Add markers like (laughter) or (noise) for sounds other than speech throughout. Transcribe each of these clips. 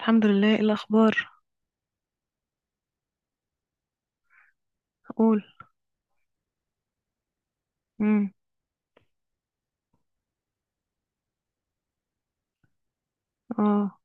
الحمد لله. ايه الاخبار؟ اقول. امم. اه.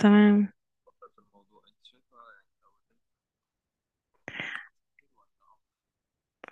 تمام.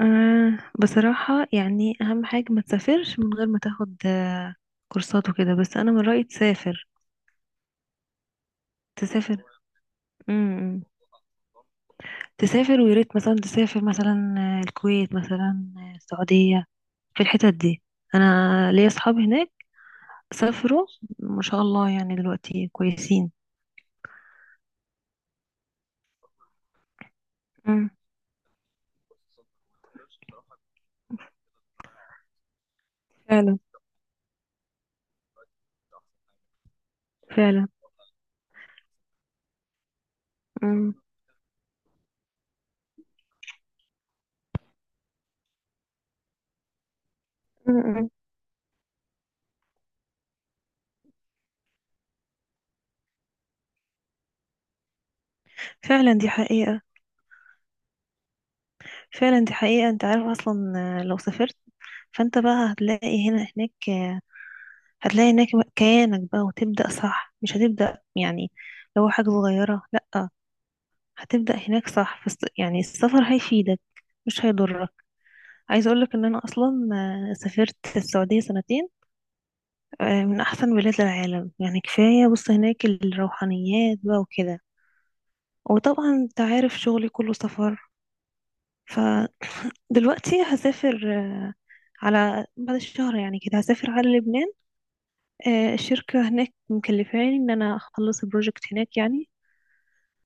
بصراحة، يعني اهم حاجة ما تسافرش من غير ما تاخد كورسات وكده، بس انا من رأيي تسافر. تسافر. امم. تسافر، ويا ريت مثلا تسافر، مثلا الكويت، مثلا السعودية، في الحتت دي. انا ليا اصحاب هناك سافروا ما شاء الله، يعني دلوقتي كويسين. امم. فعلا. فعلا. امم. أمم. فعلا دي حقيقة. فعلا دي حقيقة. انت عارف اصلا، لو سافرت، فانت بقى هتلاقي هنا هناك، هتلاقي هناك كيانك بقى، وتبدأ صح، مش هتبدأ يعني لو حاجة صغيرة، لأ. هتبدأ هناك صح، فس يعني السفر هيفيدك، مش هيضرك. عايزة أقولك إن أنا أصلا سافرت السعودية سنتين. من أحسن بلاد العالم، يعني كفاية بص هناك الروحانيات بقى وكده. وطبعا أنت عارف شغلي كله سفر، فدلوقتي هسافر على بعد الشهر، يعني كده هسافر على لبنان. الشركة هناك مكلفاني ان انا اخلص البروجكت هناك، يعني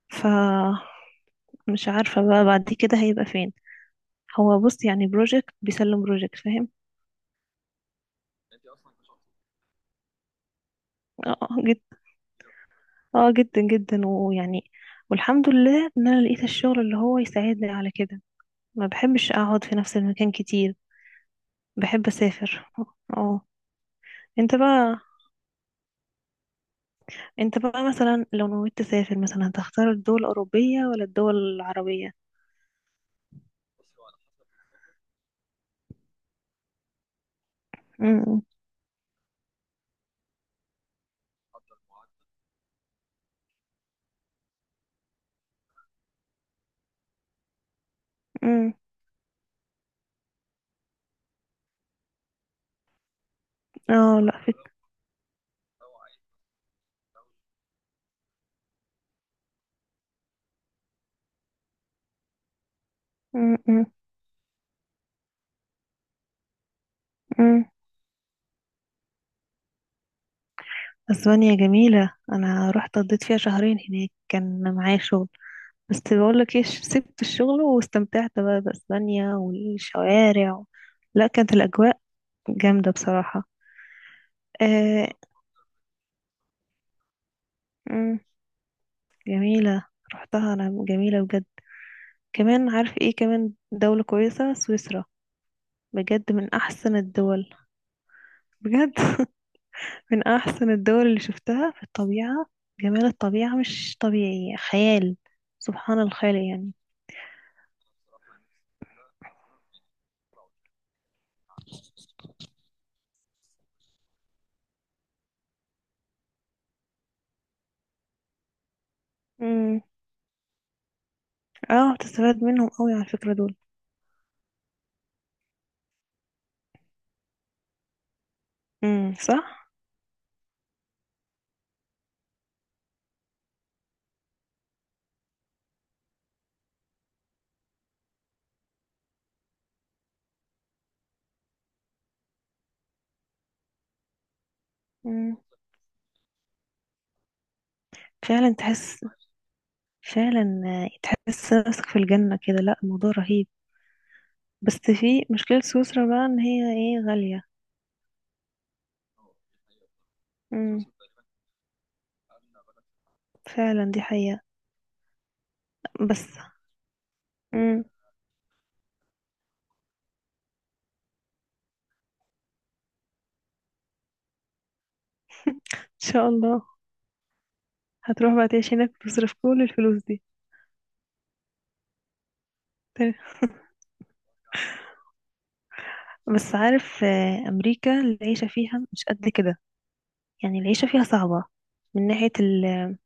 ف مش عارفة بقى بعد كده هيبقى فين. هو بص، يعني بروجكت بيسلم بروجكت، فاهم؟ اه. جد. اه، جدا جدا، ويعني والحمد لله ان انا لقيت الشغل اللي هو يساعدني على كده. ما بحبش اقعد في نفس المكان كتير، بحب اسافر. اه. انت بقى انت بقى مثلا لو نويت تسافر، مثلا هتختار الدول الأوروبية ولا الدول العربية؟ امم. امم. اه، لا فكرة. اسبانيا جميلة، انا رحت قضيت فيها شهرين هناك، كان معايا شغل. بس بقولك ايه، سبت الشغل واستمتعت بقى باسبانيا والشوارع لا كانت الاجواء جامدة بصراحة. آه... مم. جميلة. رحتها انا، جميلة بجد. كمان عارف ايه؟ كمان دولة كويسة سويسرا. بجد من احسن الدول. بجد (laughs) من احسن الدول اللي شفتها في الطبيعة. جمال الطبيعة مش طبيعي، خيال. سبحان الخالق يعني. مم. اه، تستفاد منهم قوي على الفكرة دول. امم، صح. امم. فعلا تحس. فعلا تحس نفسك في الجنة كده. لا الموضوع رهيب. بس في مشكلة سويسرا بقى، ان هي ايه، غالية. امم. فعلا دي حقيقة. بس. ان شاء الله. هتروح بقى تعيش هناك وتصرف كل الفلوس دي؟ تمام. بس عارف، امريكا العيشة فيها مش قد كده، يعني العيشة فيها صعبة. من ناحية ال،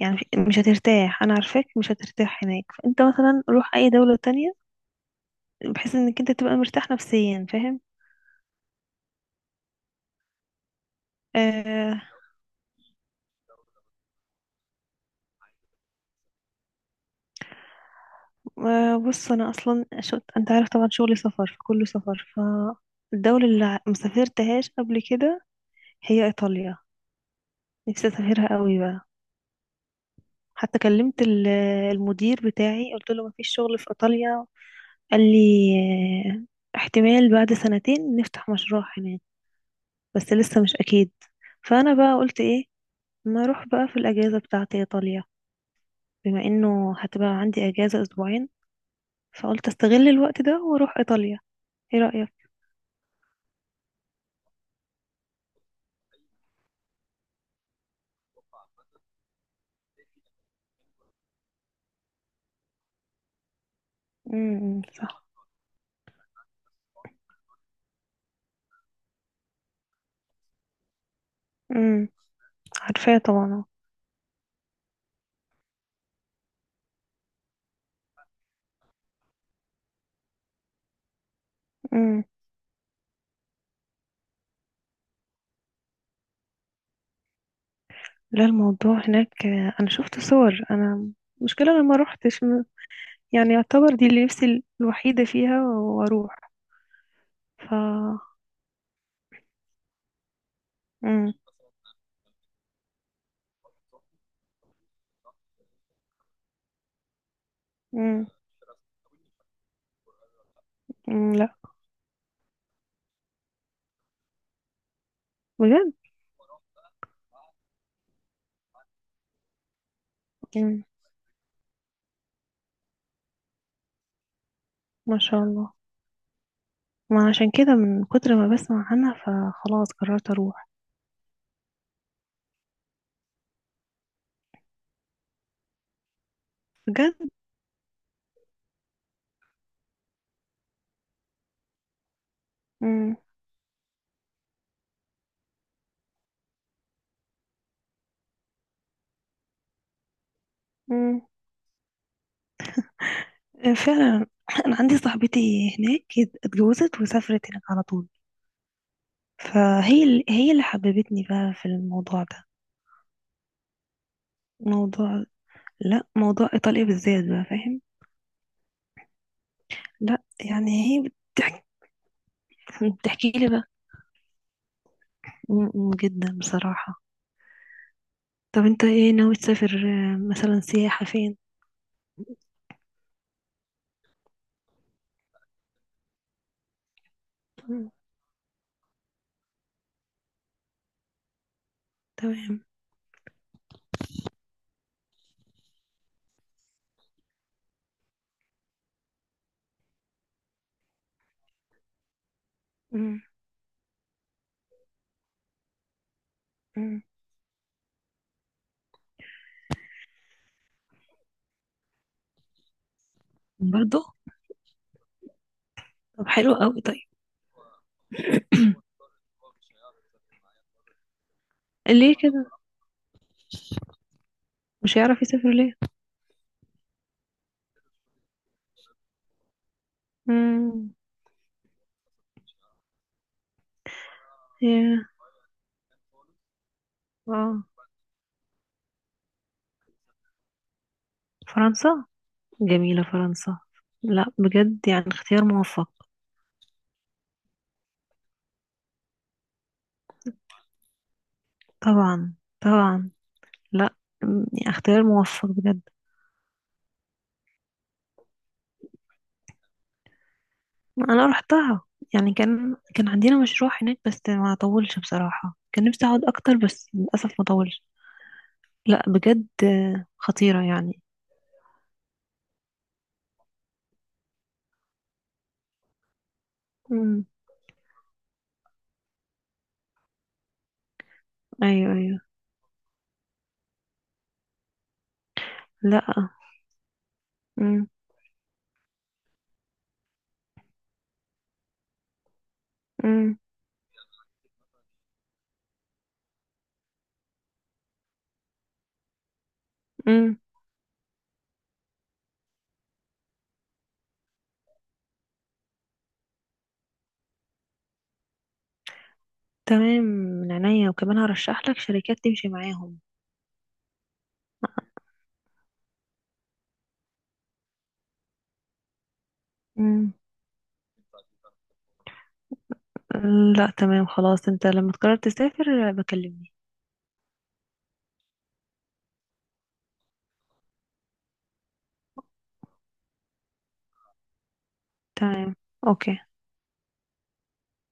يعني مش هترتاح، انا عارفاك مش هترتاح هناك. فانت مثلا روح اي دولة تانية، بحيث انك انت تبقى مرتاح نفسيا، فاهم؟ آه. بص انا اصلا انت عارف طبعا شغلي سفر، فكله سفر. فالدولة اللي مسافرتهاش قبل كده هي ايطاليا. نفسي اسافرها قوي بقى. حتى كلمت المدير بتاعي قلت له مفيش شغل في ايطاليا؟ قال لي احتمال بعد سنتين نفتح مشروع هناك، بس لسه مش اكيد. فانا بقى قلت ايه، ما اروح بقى في الاجازة بتاعتي ايطاليا، بما انه هتبقى عندي اجازة اسبوعين. فقلت استغل الوقت ده واروح ايطاليا. ايه رأيك؟ امم، صح. امم. عارفاه طبعا. امم. لا الموضوع هناك، انا شفت صور انا. المشكلة انا ما روحتش، يعني يعتبر دي اللي نفسي الوحيدة فيها، واروح. ف امم. امم. أمم، لا. بجد. امم. ما شاء الله. ما عشان كده من كتر ما بسمع عنها فخلاص قررت اروح. بجد. امم. امم. فعلا. (clears throat) انا عندي صاحبتي هناك اتجوزت وسافرت هناك على طول. هي اللي حببتني بقى في الموضوع ده. موضوع لا، موضوع إيطاليا بالذات بقى، فاهم؟ لا يعني هي بتحكي. بتحكي لي بقى جدا بصراحة. طب انت ايه ناوي تسافر، مثلا سياحة فين؟ مم. تمام. مم. مم. برضو. طب حلو قوي، طيب. ليه كده؟ مش هيعرف يسافر ليه؟ مم. ياه. اه. فرنسا. جميلة فرنسا. لا بجد يعني اختيار موفق. طبعا. طبعا. لا. اختيار موفق بجد. انا رحتها، يعني كان عندنا مشروع هناك، بس ما طولش بصراحة. كان نفسي اقعد اكتر بس للاسف ما طولش. لا بجد، خطيرة يعني. امم. ايوه ايوه. لا. امم. امم. امم. تمام من عينيا. وكمان هرشح لك شركات تمشي معاهم. امم. لا تمام. خلاص انت لما تقرر تسافر بكلمني. تمام. اوكي.